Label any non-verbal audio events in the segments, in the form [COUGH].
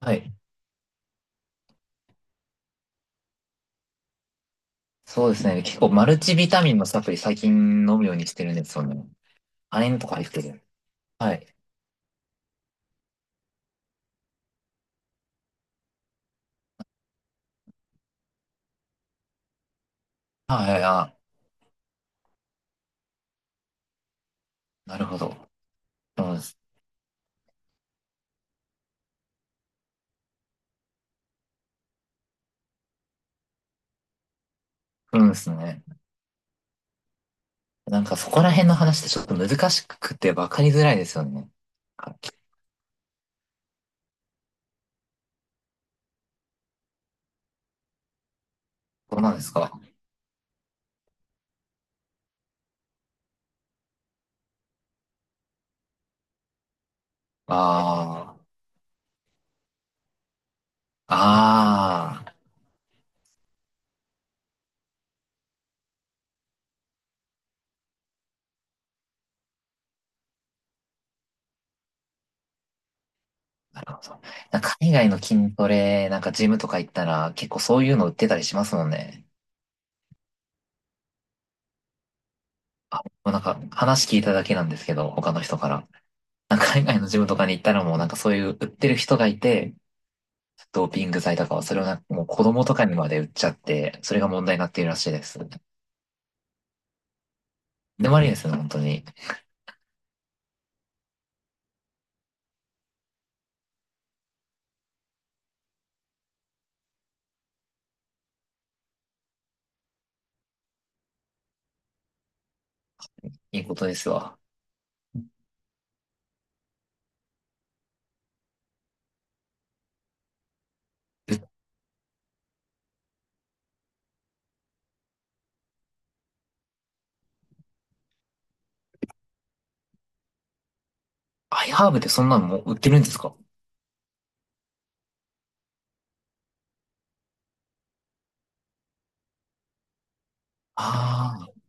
はい。そうですね。結構マルチビタミンのサプリ最近飲むようにしてるんですよね。亜鉛とか入ってる。はい。はいはい、あ、なるほど。そうです。そうですね。なんかそこら辺の話ってちょっと難しくて分かりづらいですよね。あ、そうなんですか？ああ、ああ、なるほど。なんか海外の筋トレ、なんかジムとか行ったら結構そういうの売ってたりしますもんね。あ、もうなんか話聞いただけなんですけど、他の人から。なんか海外のジムとかに行ったらもうなんかそういう売ってる人がいて、ドーピング剤とかはそれをなんかもう子供とかにまで売っちゃって、それが問題になっているらしいです。でもありですね、本当に。いいことですわ。うアイハーブってそんなのもう売ってるんですか？ああ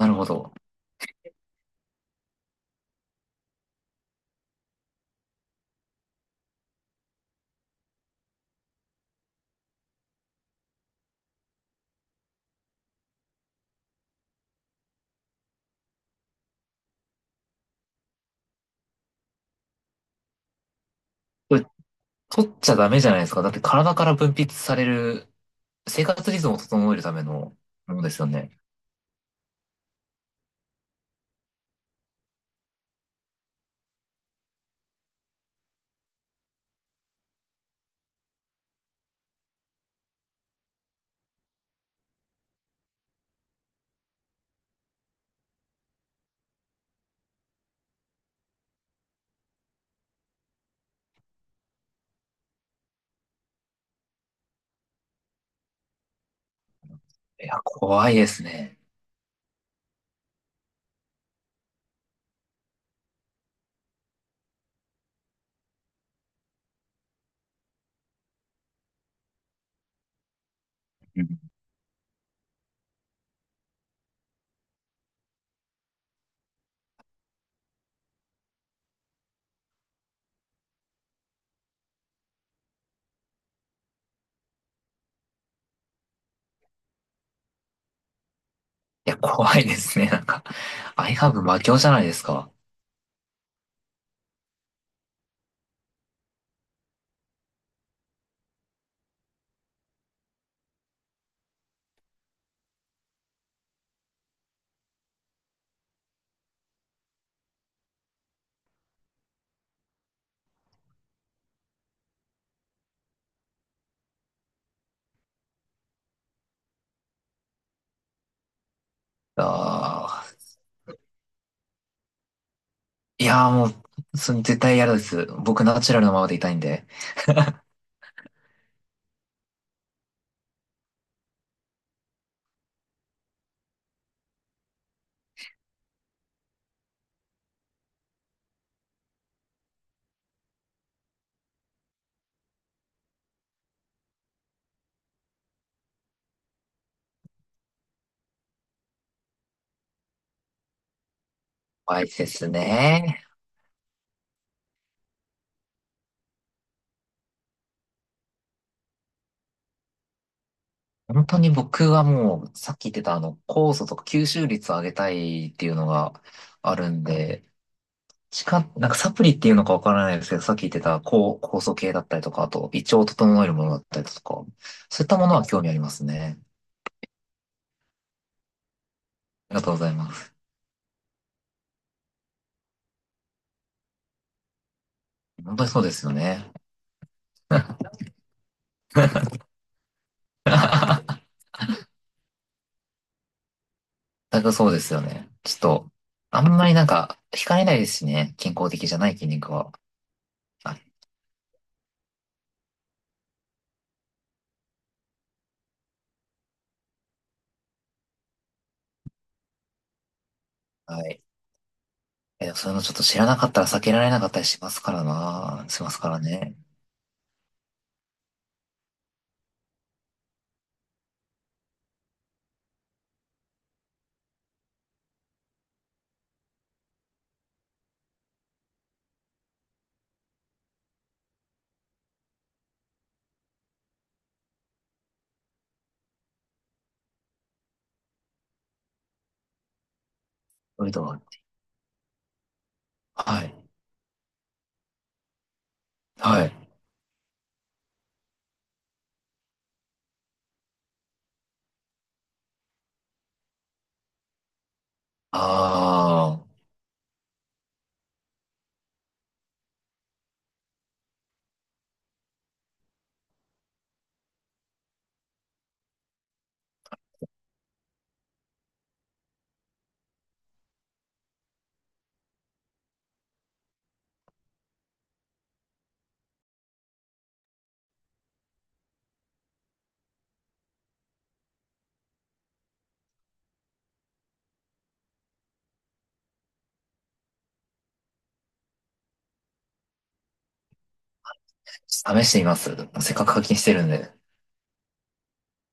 ー、なるほど。これ取っちゃダメじゃないですか。だって体から分泌される生活リズムを整えるためのものですよね。いや、怖いですね。うん。いや、怖いですね。なんか、アイハーブ魔境じゃないですか。ああ。いやーもう、その絶対嫌です。僕ナチュラルなままでいたいんで。怖いですね。本当に僕はもう、さっき言ってた酵素とか吸収率を上げたいっていうのがあるんで、なんかサプリっていうのかわからないですけど、さっき言ってた酵素系だったりとか、あと胃腸を整えるものだったりとか、そういったものは興味ありますね。ありがとうございます。本当にそうですよね。[LAUGHS] 全くそうですよね。ちょっと、あんまりなんか、惹かれないですしね。健康的じゃない筋肉は。あ、はい。え、そういうのちょっと知らなかったら避けられなかったりしますからな。しますからね。そういうのは。はい。はい。ああ、試してみます。せっかく課金してるんで。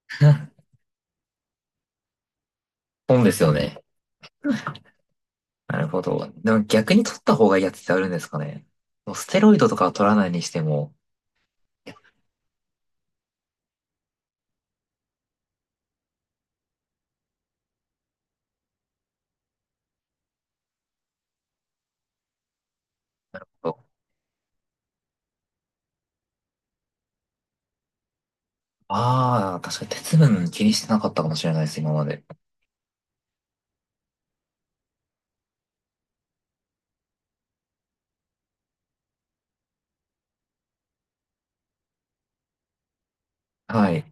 [LAUGHS] 本ですよね。なるほど。でも逆に取った方がいいやつってあるんですかね。もうステロイドとかは取らないにしても。ああ、確かに鉄分気にしてなかったかもしれないです、今まで。はい。なる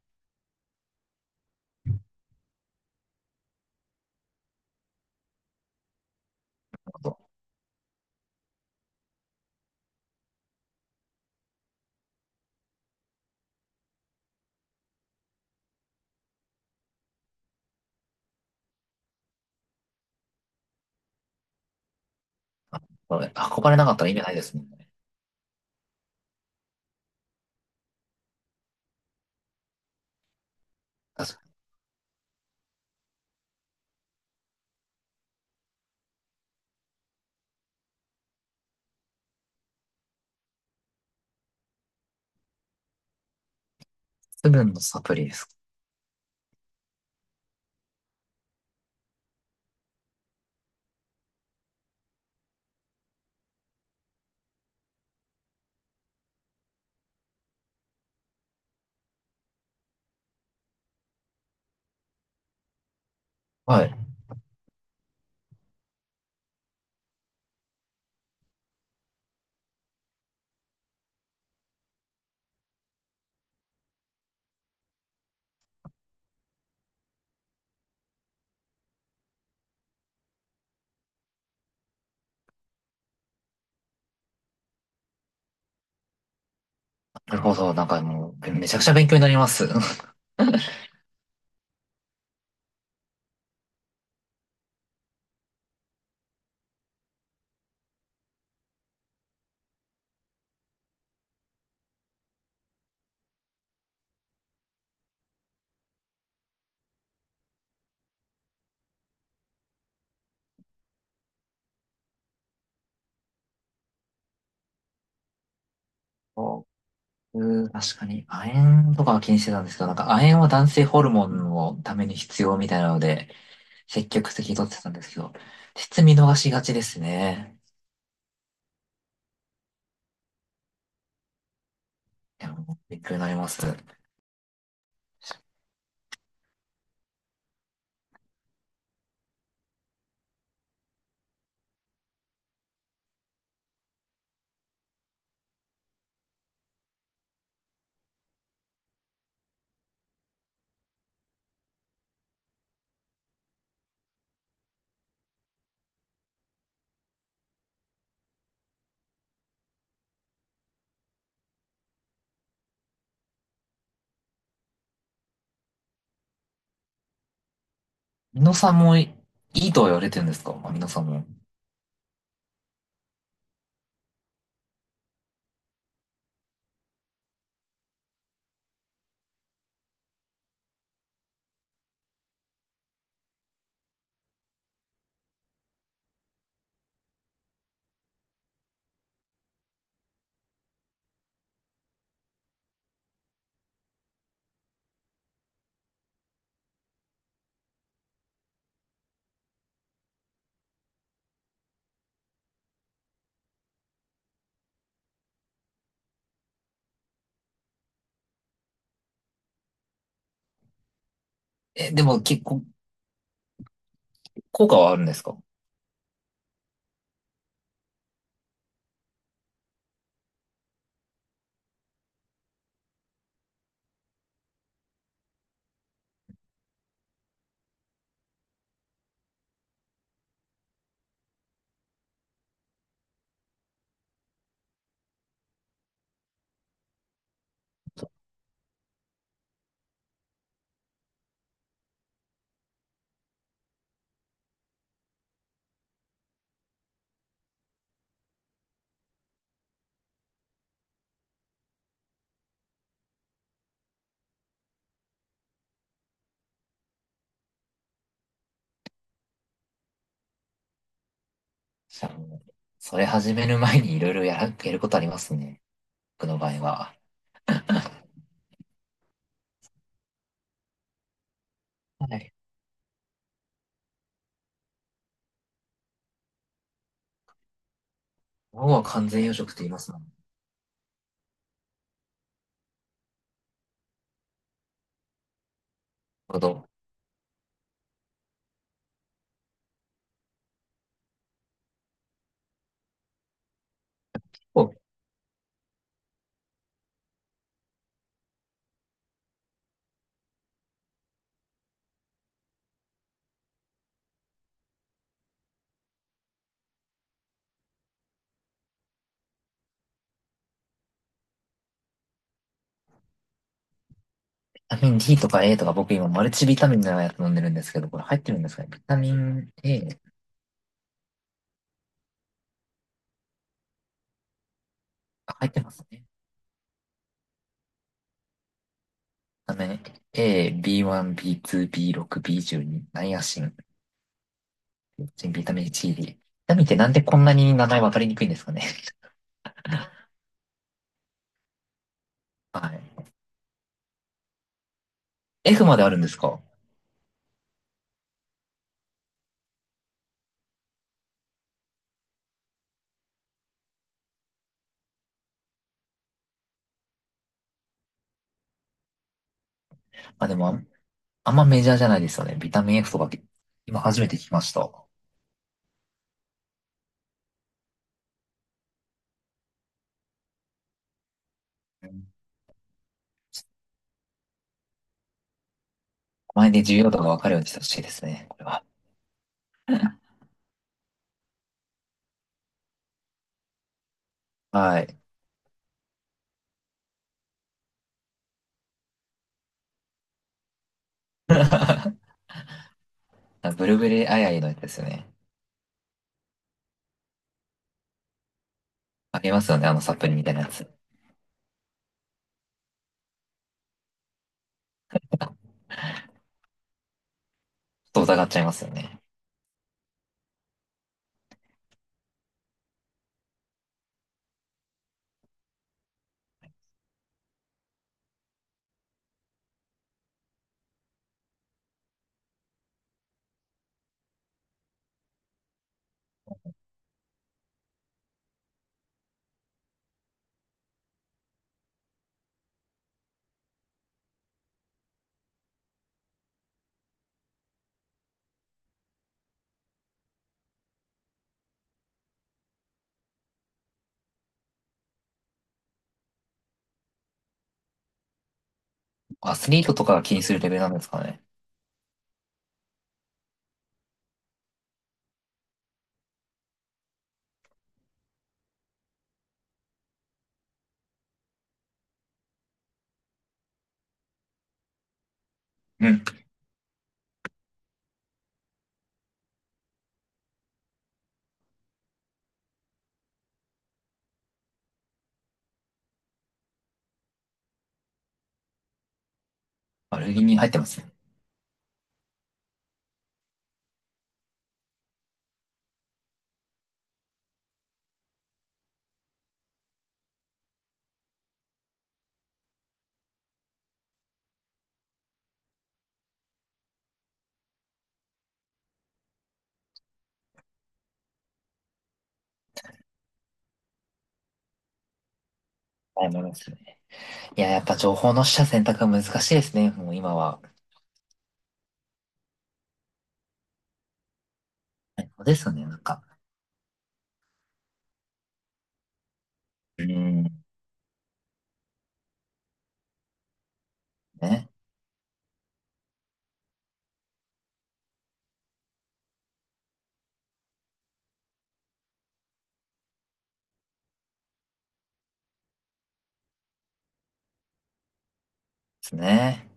ほど。これ運ばれなかったら意味ないですもんね。確かに鉄分のサプリです。はい。なるほど。なんかもう、めちゃくちゃ勉強になります。[LAUGHS] 僕、確かに、亜鉛とかは気にしてたんですけど、なんか亜鉛は男性ホルモンのために必要みたいなので、積極的に取ってたんですけど、鉄見逃しがちですね。でも勉強になります。ミノさんもいいとは言われてるんですか？まあ、ミノさんも。え、でも結構、効果はあるんですか？じゃあもう、それ始める前にいろいろやることありますね。僕の場合は。はい。僕は完全養殖って言いますもん。なるほど。タミン D とか A とか僕今マルチビタミンのやつ飲んでるんですけど、これ入ってるんですかね？ビタミン A、あ、入ってますね。ビタミン A、B1、B2、B6、B12、ナイアシン、ビタミン C、D。ビタミンってなんでこんなに名前分かりにくいんですかね？ [LAUGHS] はい。F まであるんですか？あ、でもあんまメジャーじゃないですよね。ビタミン F とか今初めて聞きました。うん。前で重要度が分かるようにしてほしいですね。これは。はい。[LAUGHS] ブルーベリーアイアイのやつですよね。ありますよね。あのサプリみたいなやつ。と疑っちゃいますよね。アスリートとかが気にするレベルなんですかね。うん。悪気に入ってますね。はい、ますね。いや、やっぱ情報の取捨選択は難しいですね。もう今は。はい、そうですよね、なんか。うん。ね。ですね。